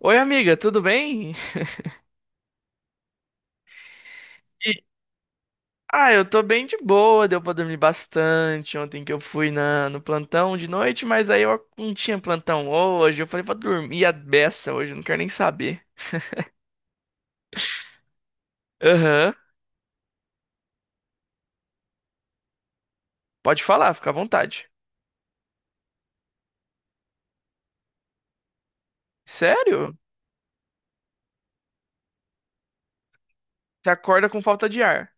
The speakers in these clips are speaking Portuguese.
Oi, amiga, tudo bem? E- Ah, eu tô bem de boa, deu pra dormir bastante ontem que eu fui no plantão de noite, mas aí eu não tinha plantão hoje, eu falei pra dormir a beça hoje, eu não quero nem saber. Aham, pode falar, fica à vontade. Sério? Você acorda com falta de ar?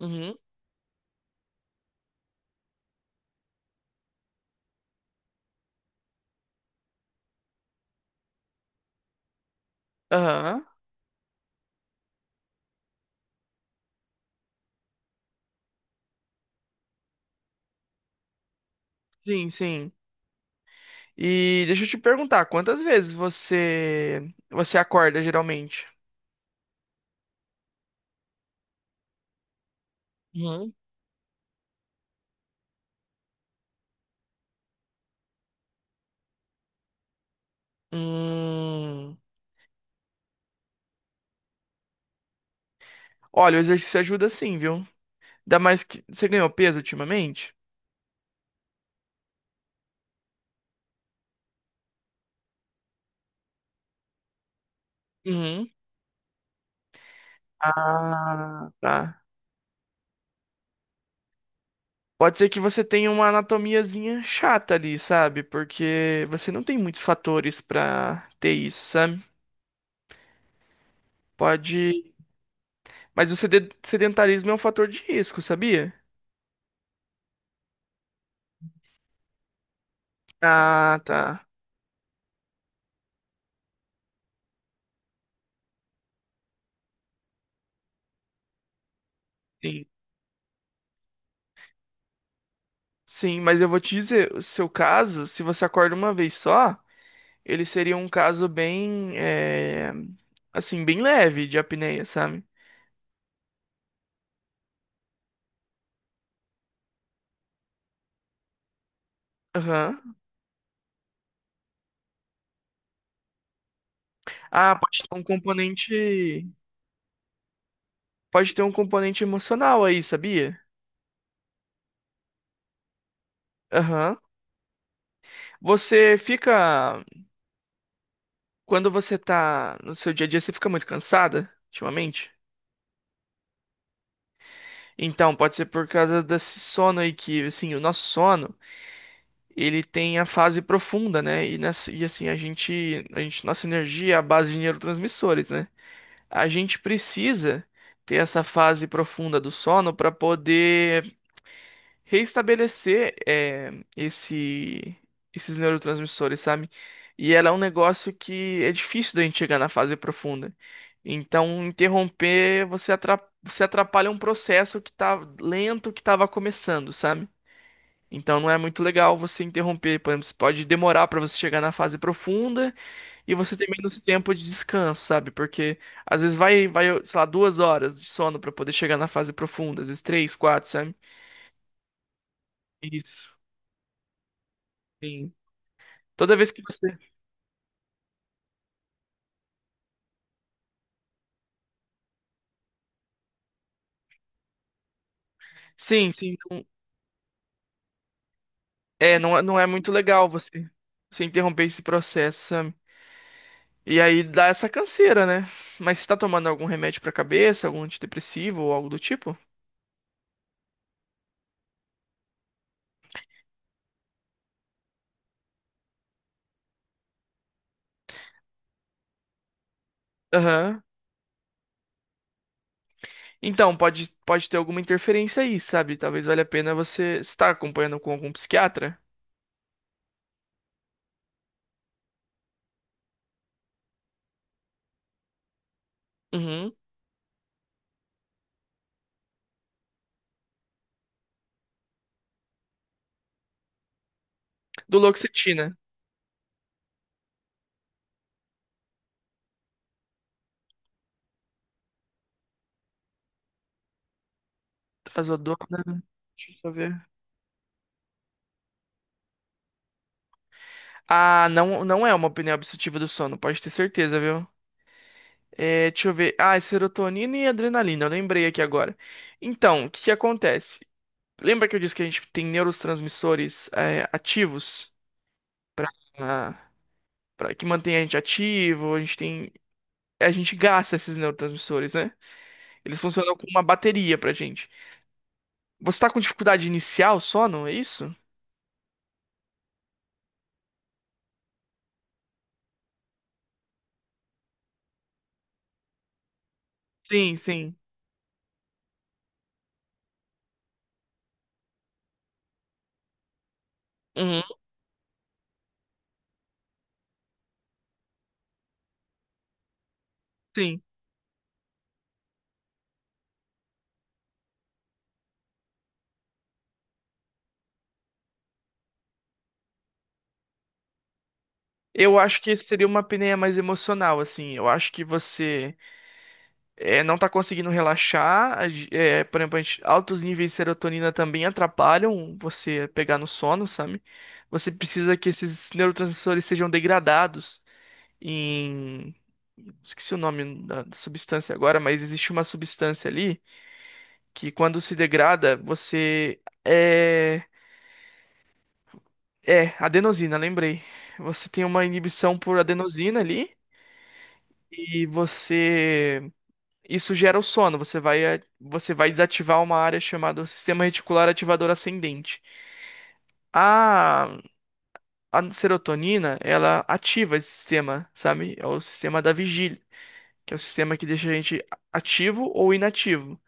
Uhum, aham, sim, sim. E deixa eu te perguntar, quantas vezes você acorda geralmente? Uhum. Hum, olha, o exercício ajuda sim, viu? Ainda mais que você ganhou peso ultimamente? Uhum. Ah, tá. Pode ser que você tenha uma anatomiazinha chata ali, sabe? Porque você não tem muitos fatores pra ter isso, sabe? Pode. Mas o sedentarismo é um fator de risco, sabia? Ah, tá. Sim. Sim, mas eu vou te dizer, o seu caso, se você acorda uma vez só, ele seria um caso bem, assim, bem leve de apneia, sabe? Aham. Ah, pode ter um componente. Pode ter um componente emocional aí, sabia? Aham. Você fica. Quando você tá no seu dia a dia, você fica muito cansada, ultimamente? Então, pode ser por causa desse sono aí que, assim, o nosso sono, ele tem a fase profunda, né? E, nessa, e assim, a gente, nossa energia é a base de neurotransmissores, né? A gente precisa ter essa fase profunda do sono para poder reestabelecer esse, esses neurotransmissores, sabe? E ela é um negócio que é difícil da gente chegar na fase profunda. Então, interromper, você atrapalha um processo que tá lento, que tava começando, sabe? Então, não é muito legal você interromper. Por exemplo, você pode demorar para você chegar na fase profunda e você ter menos tempo de descanso, sabe? Porque às vezes vai, sei lá, duas horas de sono para poder chegar na fase profunda, às vezes três, quatro, sabe? Isso. Sim. Toda vez que você. Sim, sim. Não... É, não, não é muito legal você, você interromper esse processo, sabe? E aí dá essa canseira, né? Mas você tá tomando algum remédio pra cabeça, algum antidepressivo ou algo do tipo? Aham. Então, pode ter alguma interferência aí, sabe? Talvez valha a pena você estar acompanhando com algum psiquiatra. Uhum. Do Duloxetina, trazodona, deixa eu ver. Ah, não, não é uma apneia obstrutiva do sono, pode ter certeza, viu? É, deixa eu ver. Ah, é serotonina e adrenalina. Eu lembrei aqui agora. Então, o que que acontece? Lembra que eu disse que a gente tem neurotransmissores ativos na... que mantém a gente ativo? A gente tem, a gente gasta esses neurotransmissores, né? Eles funcionam como uma bateria pra gente. Você tá com dificuldade inicial só, não é isso? Sim, sim. Uhum, sim. Eu acho que isso seria uma apneia mais emocional, assim. Eu acho que você não tá conseguindo relaxar. É, por exemplo, altos níveis de serotonina também atrapalham você pegar no sono, sabe? Você precisa que esses neurotransmissores sejam degradados em... Esqueci o nome da substância agora, mas existe uma substância ali que quando se degrada, você... É... É, adenosina, lembrei. Você tem uma inibição por adenosina ali e você... Isso gera o sono. Você vai, você vai desativar uma área chamada sistema reticular ativador ascendente. A, a serotonina, ela ativa esse sistema, sabe? É o sistema da vigília, que é o sistema que deixa a gente ativo ou inativo.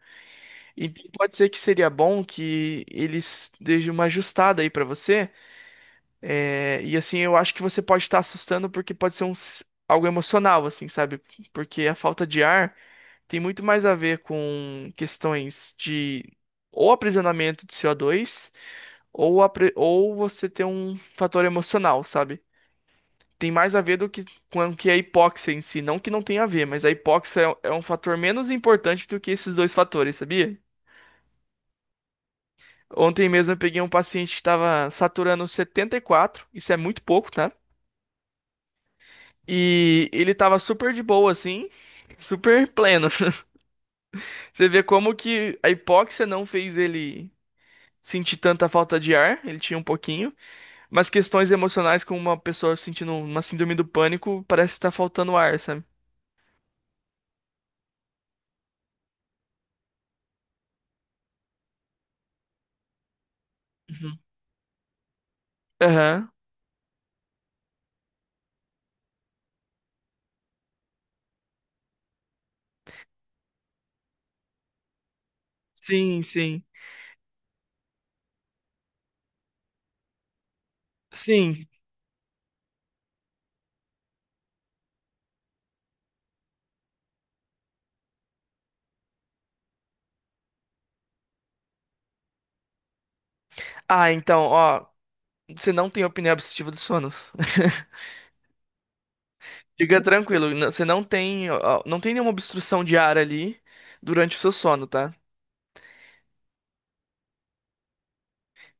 E pode ser que seria bom que eles deixem uma ajustada aí pra você. E assim, eu acho que você pode estar assustando porque pode ser algo emocional, assim, sabe? Porque a falta de ar. Tem muito mais a ver com questões de ou aprisionamento de CO2 ou, ou você ter um fator emocional, sabe? Tem mais a ver do que com que a hipóxia em si, não que não tenha a ver, mas a hipóxia é um fator menos importante do que esses dois fatores, sabia? Ontem mesmo eu peguei um paciente que estava saturando 74, isso é muito pouco, tá? E ele tava super de boa assim, super pleno. Você vê como que a hipóxia não fez ele sentir tanta falta de ar, ele tinha um pouquinho, mas questões emocionais como uma pessoa sentindo uma síndrome do pânico, parece estar faltando ar, sabe? Uhum. Aham. Sim, sim. Sim. Ah, então, ó, você não tem apneia obstrutiva do sono. Fica tranquilo, você não tem, ó, não tem nenhuma obstrução de ar ali durante o seu sono, tá?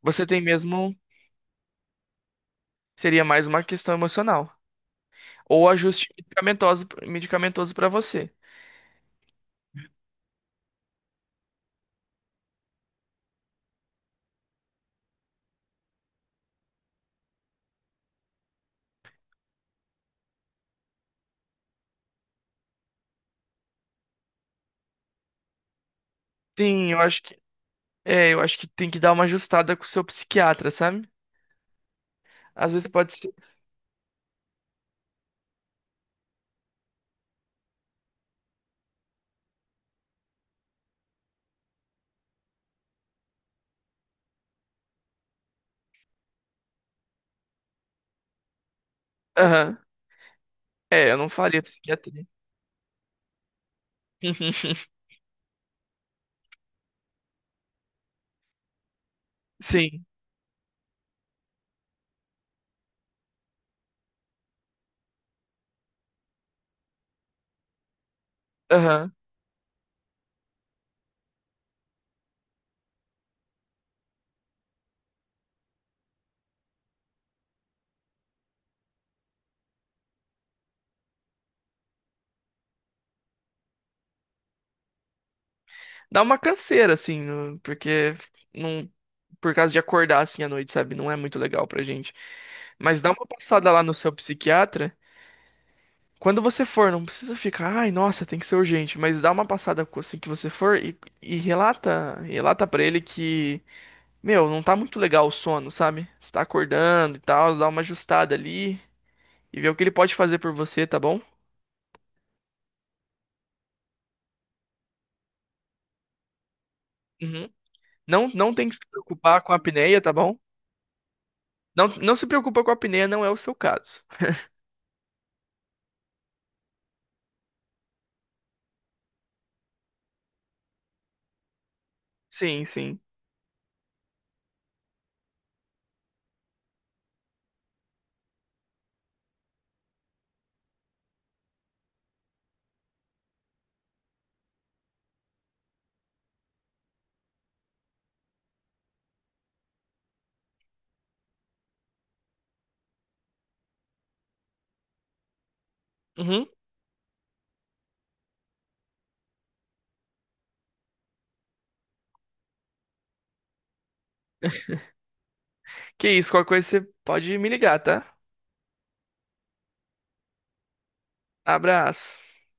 Você tem mesmo, seria mais uma questão emocional. Ou ajuste medicamentoso, medicamentoso para você. Sim, eu acho. É, eu acho que tem que dar uma ajustada com o seu psiquiatra, sabe? Às vezes pode ser. Aham. É, eu não faria psiquiatria. Sim. Aham. Dá uma canseira, assim, porque não. Por causa de acordar assim à noite, sabe? Não é muito legal pra gente. Mas dá uma passada lá no seu psiquiatra. Quando você for, não precisa ficar, ai, nossa, tem que ser urgente, mas dá uma passada assim que você for e relata para ele que meu, não tá muito legal o sono, sabe? Você tá acordando e tal, dá uma ajustada ali e vê o que ele pode fazer por você, tá bom? Uhum. Não, não tem que se preocupar com a apneia, tá bom? Não, não se preocupa com a apneia, não é o seu caso. Sim, sim. Uhum. Que isso, qualquer coisa você pode me ligar, tá? Abraço.